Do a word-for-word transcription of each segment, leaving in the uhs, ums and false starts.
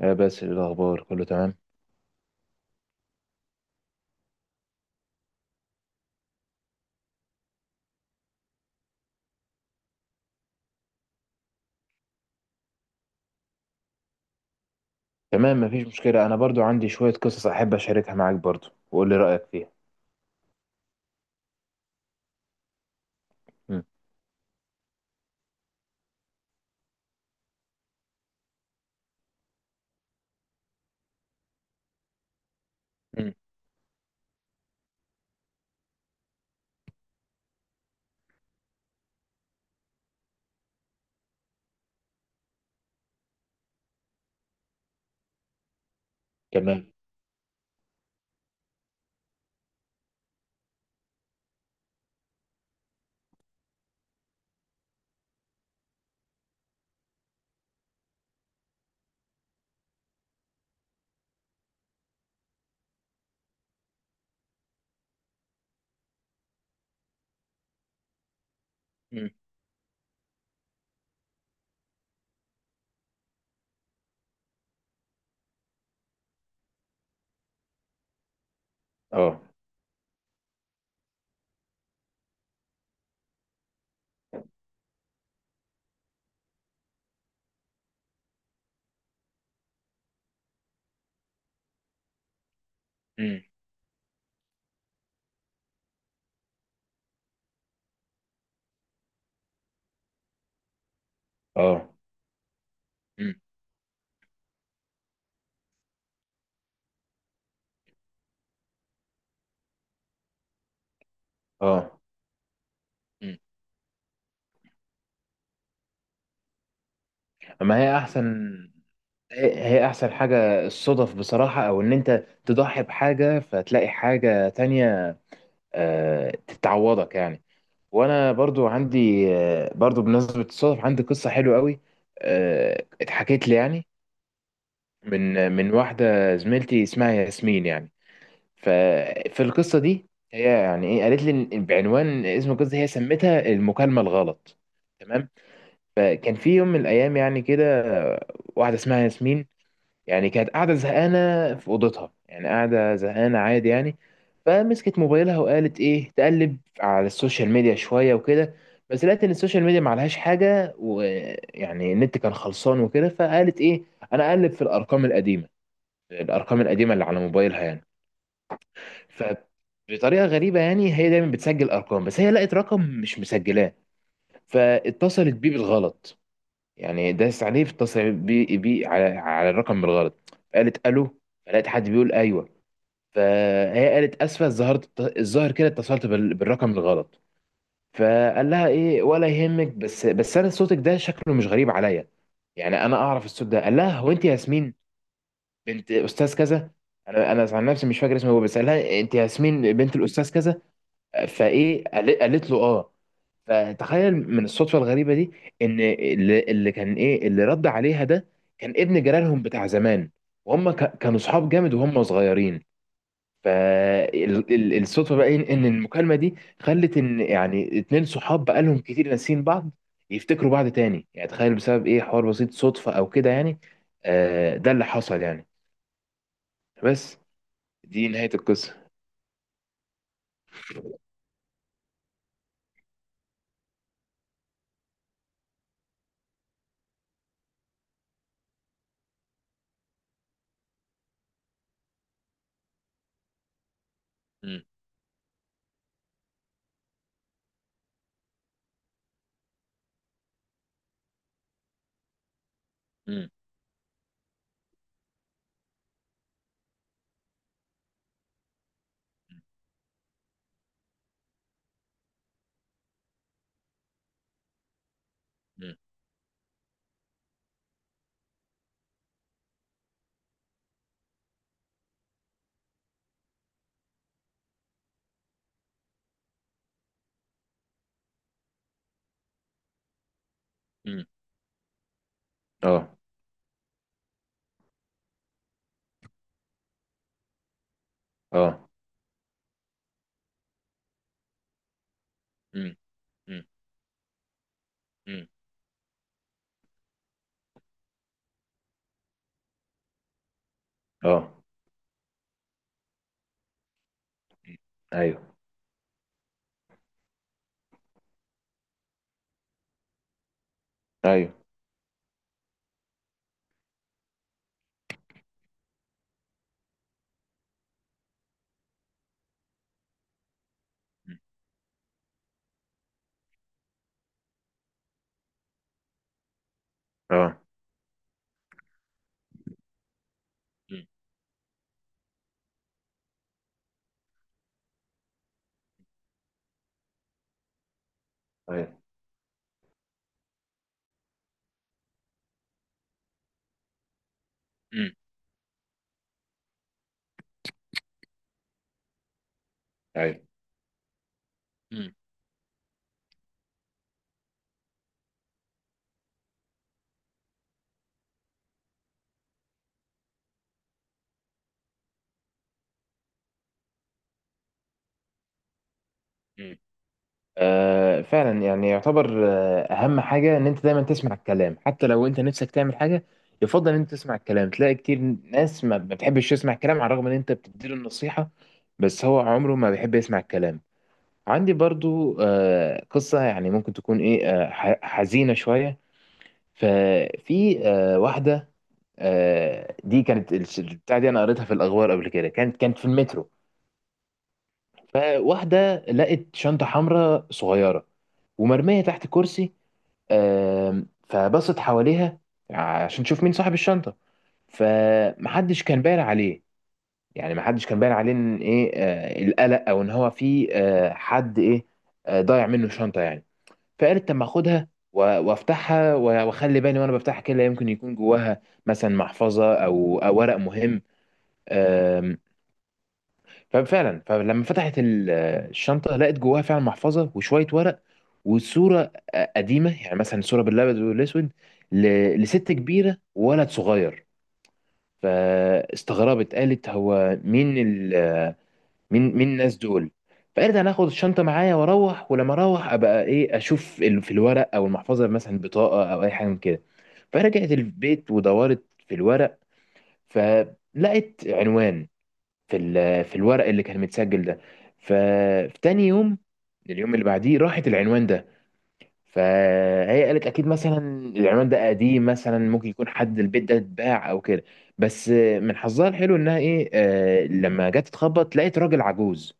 يا باسل، إيه الاخبار؟ كله تمام؟ تمام. مفيش مشكله. انا برضو عندي شويه قصص احب اشاركها معاك برضو وقول لي رايك فيها. مم. مم. تمام. مم. اه. مم. اه. مم. اه. مم. اما هي احسن. هي هي احسن حاجه الصدف بصراحه، او ان انت تضحي بحاجه فتلاقي حاجه تانية آه تتعوضك يعني. وانا برضو عندي آه برضو بمناسبه الصدف عندي قصه حلوه قوي. آه اتحكيت لي يعني، من من واحدة زميلتي اسمها ياسمين يعني. ففي القصة دي هي يعني ايه، قالت لي إن- بعنوان اسم القصة هي سمتها المكالمة الغلط. تمام. فكان في يوم من الأيام يعني كده، واحدة اسمها ياسمين، يعني كانت قاعدة زهقانة في أوضتها، يعني قاعدة زهقانة عادي يعني. فمسكت موبايلها وقالت ايه، تقلب على السوشيال ميديا شوية وكده. بس لقيت ان السوشيال ميديا معلهاش حاجة ويعني النت كان خلصان وكده، فقالت ايه، انا اقلب في الارقام القديمة، الارقام القديمه اللي على موبايلها يعني. فبطريقه غريبه يعني، هي دايما بتسجل ارقام، بس هي لقت رقم مش مسجلاه، فاتصلت بيه بالغلط. يعني داس عليه فاتصل بيه, بيه على, على الرقم بالغلط. قالت الو، فلقيت حد بيقول ايوه. فهي قالت اسفه، ظهرت الظاهر كده اتصلت بال- بالرقم الغلط. فقال لها ايه ولا يهمك، بس بس انا صوتك ده شكله مش غريب عليا، يعني انا اعرف الصوت ده. قال لها هو انت ياسمين، بنت استاذ كذا. انا انا عن نفسي مش فاكر اسمه هو، بس قالها انت ياسمين بنت الاستاذ كذا. فايه قال- قالت له اه. فتخيل من الصدفه الغريبه دي ان اللي, اللي كان ايه اللي رد عليها ده، كان ابن جيرانهم بتاع زمان، وهم ك- كانوا صحاب جامد وهم صغيرين. فالصدفه بقى إيه؟ ان المكالمه دي خلت ان يعني اتنين صحاب بقالهم كتير ناسيين بعض يفتكروا بعض تاني. يعني تخيل بسبب ايه، حوار بسيط صدفه او كده يعني. آه ده اللي حصل يعني. بس دي نهاية القصة. مم. مم. مم. مم. اه. اه. مم. مم. مم. اه. ايوه. ايوه. مم. اه. مم. ايوه. مم. ايوه. مم. مم. آه فعلا يعني يعتبر آه اهم حاجة ان انت دايما تسمع الكلام، حتى لو انت نفسك تعمل حاجة يفضل ان انت تسمع الكلام. تلاقي كتير ناس ما ما بتحبش تسمع الكلام على الرغم ان انت بتديله النصيحة، بس هو عمره ما بيحب يسمع الكلام. عندي برضو آه قصة يعني ممكن تكون ايه، آه ح- حزينة شوية. ففي آه، واحده، آه، دي كانت الش- البتاع دي انا قريتها في الاخبار قبل كده، كانت كانت في المترو. فواحده لقت شنطه حمراء صغيره ومرميه تحت كرسي. آم، فبصت حواليها عشان تشوف مين صاحب الشنطه. فمحدش كان باين عليه، يعني محدش كان باين عليه ان ايه، آه، القلق او ان هو في آه، حد ايه آه، ضايع منه شنطه يعني. فقالت طب ما اخدها و- وافتحها و- واخلي بالي، وانا بفتحها كده لا يمكن يكون جواها مثلا محفظه او او ورق مهم. أم، ففعلا فلما فتحت ال- الشنطه لقت جواها فعلا محفظه وشويه ورق وصوره قديمه، يعني مثلا صوره بالابيض والاسود ل- لست كبيره وولد صغير. فاستغربت قالت هو مين، مين مين الناس دول؟ فارجع ناخد الشنطه معايا واروح، ولما اروح ابقى ايه، اشوف ال- في الورق او المحفظه مثلا بطاقه او اي حاجه من كده. فرجعت البيت ودورت في الورق، فلقيت عنوان في ال- في الورق اللي كان متسجل ده. ففي تاني يوم، اليوم اللي بعديه، راحت العنوان ده. فهي قالت اكيد مثلا العنوان ده قديم، مثلا ممكن يكون حد البيت ده اتباع او كده. بس من حظها الحلو انها ايه، آه، لما جت تخبط لقيت راجل عجوز.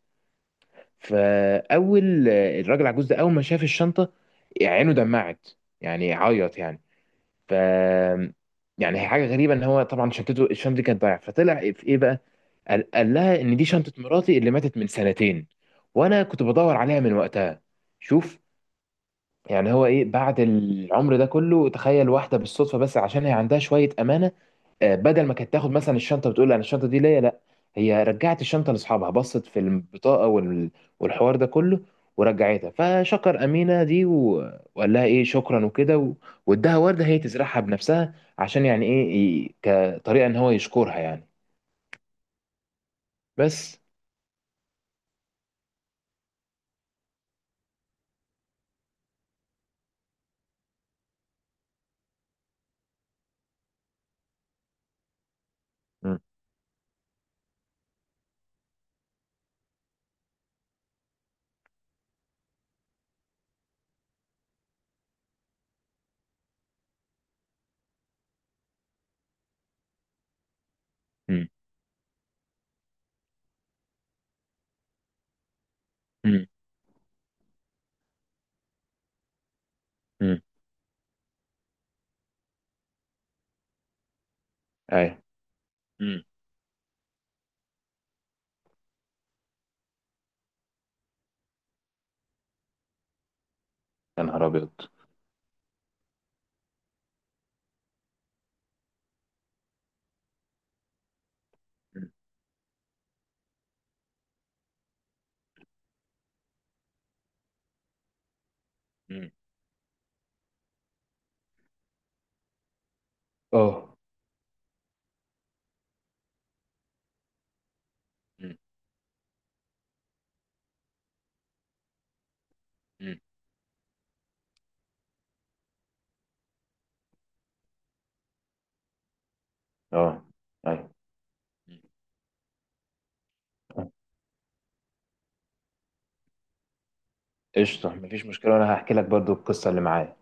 فاول الراجل العجوز ده اول ما شاف الشنطه عينه دمعت، يعني عيط يعني. ف يعني هي حاجه غريبه ان هو طبعا، شنطته الشنطه دي كانت ضايعه، فطلع في ايه بقى، قال, قال لها ان دي شنطه مراتي اللي ماتت من سنتين وانا كنت بدور عليها من وقتها. شوف، يعني هو ايه بعد العمر ده كله. تخيل واحده بالصدفه بس عشان هي عندها شويه امانه، آه، بدل ما كانت تاخد مثلا الشنطه بتقول انا الشنطه دي ليا، لا، هي رجعت الشنطه لاصحابها، بصت في البطاقه وال- والحوار ده كله ورجعتها. فشكر امينه دي و- وقال لها ايه شكرا وكده و- واداها ورده هي تزرعها بنفسها عشان يعني ايه، ي- كطريقه ان هو يشكرها يعني. بس. مم. مم. مم. مم. ايوه. مم. يا نهار ابيض! مم. مم. اه. مم. مم. اه. ايوه. قشطة، مفيش مشكلة وأنا هحكي لك برضو القصة اللي معايا.